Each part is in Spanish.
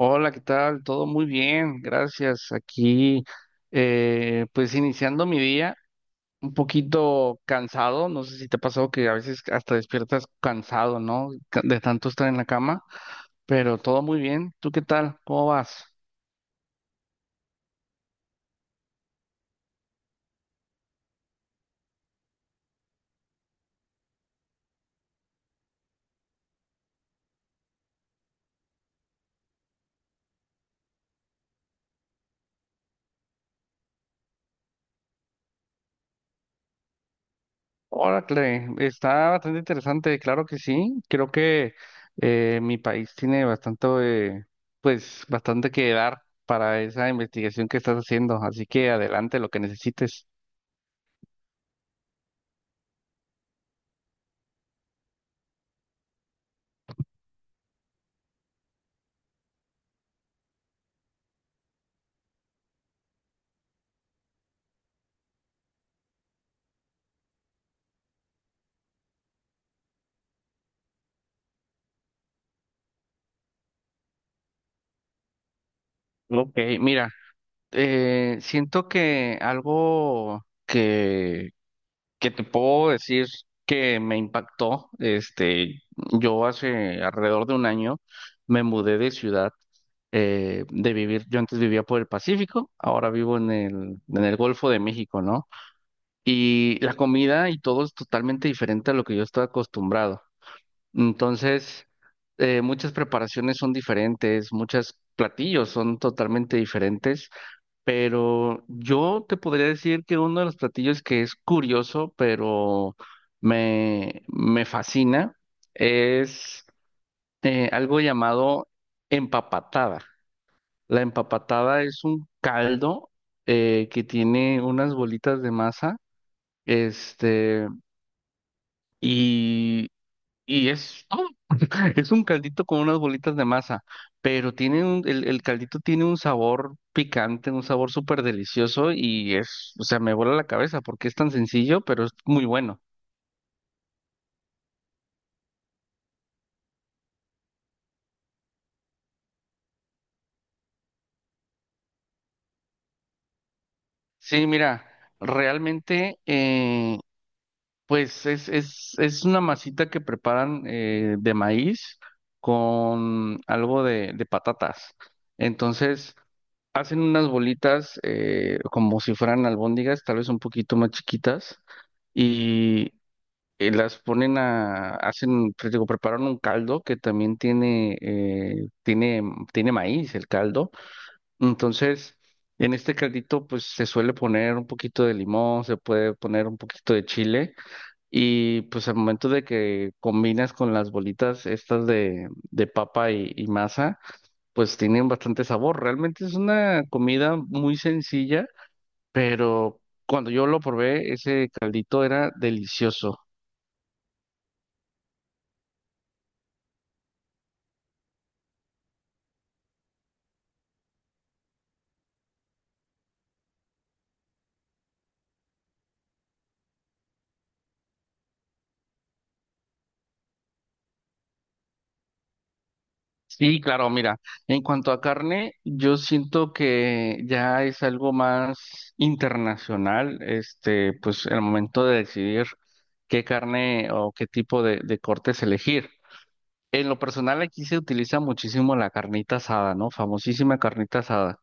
Hola, ¿qué tal? Todo muy bien, gracias. Aquí, pues iniciando mi día, un poquito cansado. No sé si te ha pasado que a veces hasta despiertas cansado, ¿no? De tanto estar en la cama, pero todo muy bien. ¿Tú qué tal? ¿Cómo vas? Órale, está bastante interesante, claro que sí. Creo que mi país tiene bastante, eh, pues, bastante que dar para esa investigación que estás haciendo. Así que adelante, lo que necesites. Ok, mira. Siento que que te puedo decir que me impactó, este, yo hace alrededor de un año me mudé de ciudad, de vivir, yo antes vivía por el Pacífico, ahora vivo en en el Golfo de México, ¿no? Y la comida y todo es totalmente diferente a lo que yo estaba acostumbrado. Entonces, muchas preparaciones son diferentes, muchos platillos son totalmente diferentes. Pero yo te podría decir que uno de los platillos que es curioso, pero me fascina, es algo llamado empapatada. La empapatada es un caldo que tiene unas bolitas de masa, este, y, y es todo. Es un caldito con unas bolitas de masa, pero tiene el caldito tiene un sabor picante, un sabor súper delicioso y es, o sea, me vuela la cabeza porque es tan sencillo, pero es muy bueno. Sí, mira, realmente, pues es una masita que preparan de maíz con algo de patatas. Entonces, hacen unas bolitas como si fueran albóndigas, tal vez un poquito más chiquitas. Las ponen a, hacen, pues, digo, Preparan un caldo que también tiene, tiene maíz el caldo. Entonces, en este caldito, pues se suele poner un poquito de limón, se puede poner un poquito de chile y pues al momento de que combinas con las bolitas estas de papa y masa, pues tienen bastante sabor. Realmente es una comida muy sencilla, pero cuando yo lo probé, ese caldito era delicioso. Sí, claro, mira, en cuanto a carne, yo siento que ya es algo más internacional, este, pues el momento de decidir qué carne o qué tipo de cortes elegir. En lo personal aquí se utiliza muchísimo la carnita asada, ¿no? Famosísima carnita asada.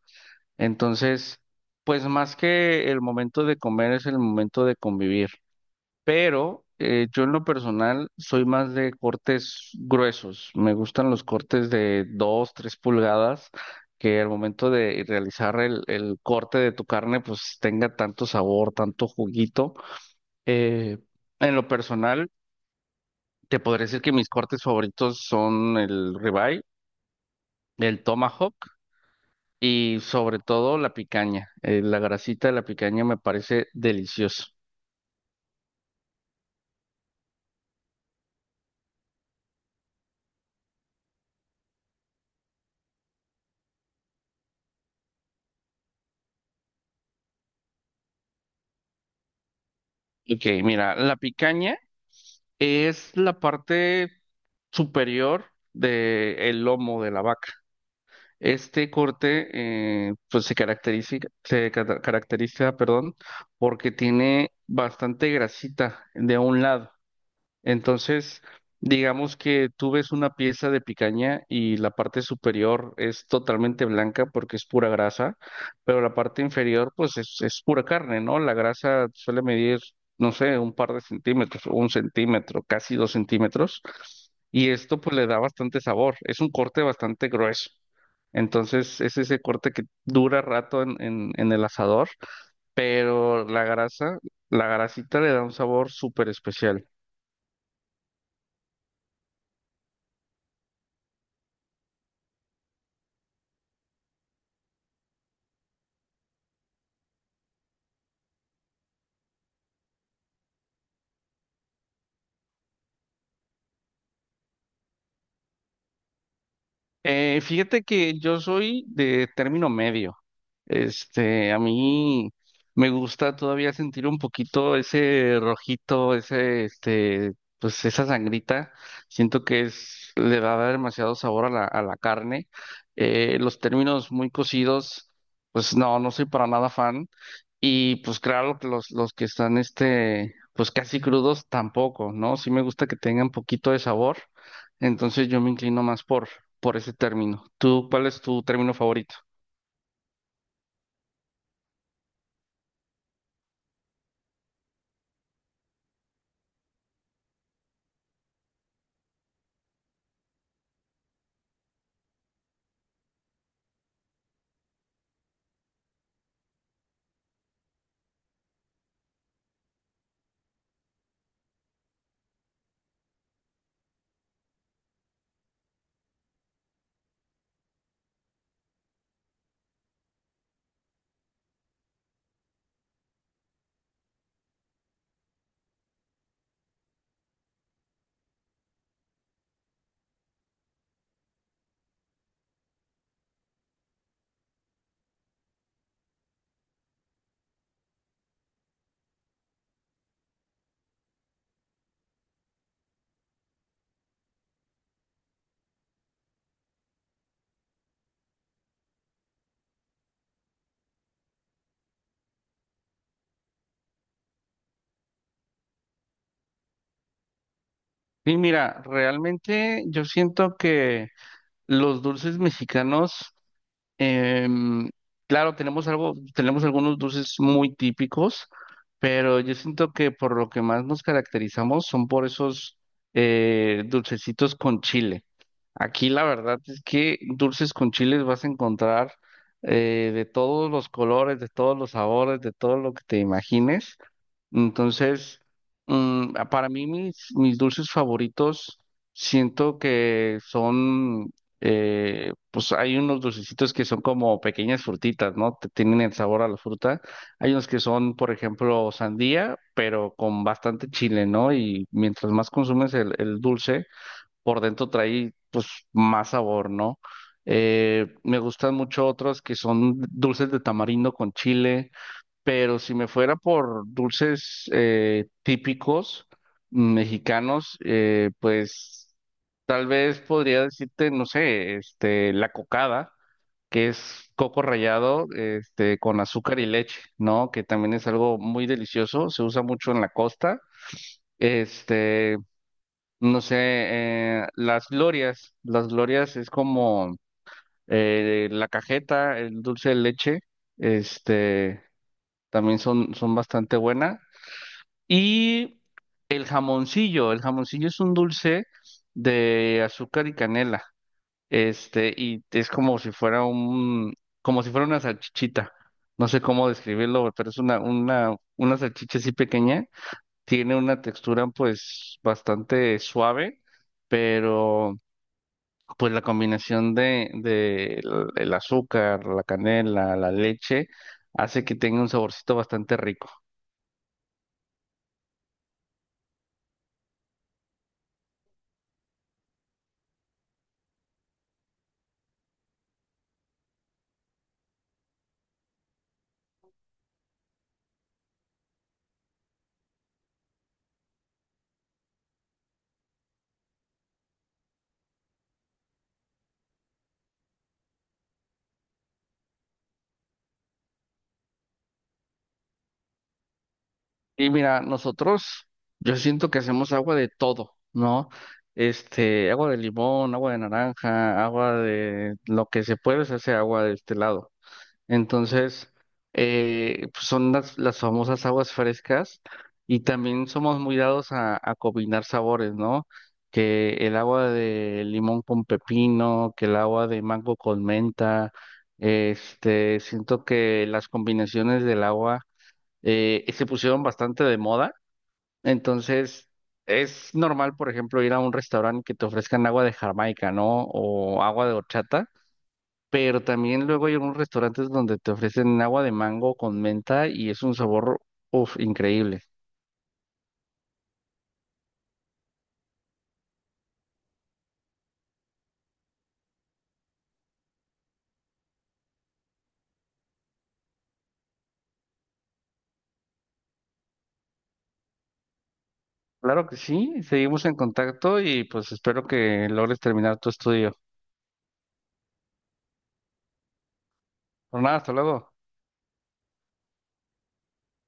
Entonces, pues más que el momento de comer es el momento de convivir, pero yo en lo personal soy más de cortes gruesos. Me gustan los cortes de 2 3 pulgadas, que al momento de realizar el corte de tu carne, pues tenga tanto sabor, tanto juguito. Eh, en lo personal, te podré decir que mis cortes favoritos son el ribeye, el tomahawk. Y sobre todo la picaña. La grasita de la picaña me parece deliciosa. Ok, mira, la picaña es la parte superior del lomo de la vaca. Este corte pues se caracteriza, caracteriza, perdón, porque tiene bastante grasita de un lado. Entonces, digamos que tú ves una pieza de picaña y la parte superior es totalmente blanca porque es pura grasa, pero la parte inferior pues es pura carne, ¿no? La grasa suele medir, no sé, un par de centímetros, un centímetro, casi 2 centímetros, y esto pues le da bastante sabor, es un corte bastante grueso. Entonces es ese corte que dura rato en el asador, pero la grasa, la grasita le da un sabor súper especial. Fíjate que yo soy de término medio. Este, a mí me gusta todavía sentir un poquito ese rojito, pues esa sangrita. Siento que es, le va a dar demasiado sabor a a la carne. Los términos muy cocidos, pues no, no soy para nada fan. Y pues claro que los que están, este, pues casi crudos tampoco, ¿no? Sí me gusta que tengan poquito de sabor. Entonces yo me inclino más por ese término. ¿Tú, cuál es tu término favorito? Sí, mira, realmente yo siento que los dulces mexicanos, em, claro, tenemos algo, tenemos algunos dulces muy típicos, pero yo siento que por lo que más nos caracterizamos son por esos dulcecitos con chile. Aquí la verdad es que dulces con chiles vas a encontrar de todos los colores, de todos los sabores, de todo lo que te imagines. Entonces, para mí mis dulces favoritos, siento que son, pues hay unos dulcecitos que son como pequeñas frutitas, ¿no? Tienen el sabor a la fruta. Hay unos que son, por ejemplo, sandía, pero con bastante chile, ¿no? Y mientras más consumes el dulce, por dentro trae, pues, más sabor, ¿no? Me gustan mucho otros que son dulces de tamarindo con chile. Pero si me fuera por dulces típicos mexicanos, pues tal vez podría decirte, no sé, este, la cocada, que es coco rallado, este, con azúcar y leche, ¿no? Que también es algo muy delicioso, se usa mucho en la costa. Este, no sé, las glorias es como la cajeta, el dulce de leche, este, también son, son bastante buenas. Y el jamoncillo es un dulce de azúcar y canela, este, y es como si fuera un, como si fuera una salchichita. No sé cómo describirlo, güey, pero es una salchicha así pequeña. Tiene una textura, pues, bastante suave, pero, pues, la combinación de el azúcar, la canela, la leche, hace que tenga un saborcito bastante rico. Y mira, nosotros, yo siento que hacemos agua de todo, ¿no? Este, agua de limón, agua de naranja, agua de lo que se puede, se hace agua de este lado. Entonces, pues son las famosas aguas frescas y también somos muy dados a combinar sabores, ¿no? Que el agua de limón con pepino, que el agua de mango con menta, este, siento que las combinaciones del agua se pusieron bastante de moda. Entonces, es normal, por ejemplo, ir a un restaurante que te ofrezcan agua de Jamaica, ¿no? O agua de horchata, pero también luego hay algunos restaurantes donde te ofrecen agua de mango con menta y es un sabor, uf, increíble. Claro que sí, seguimos en contacto y pues espero que logres terminar tu estudio. Por nada, hasta luego.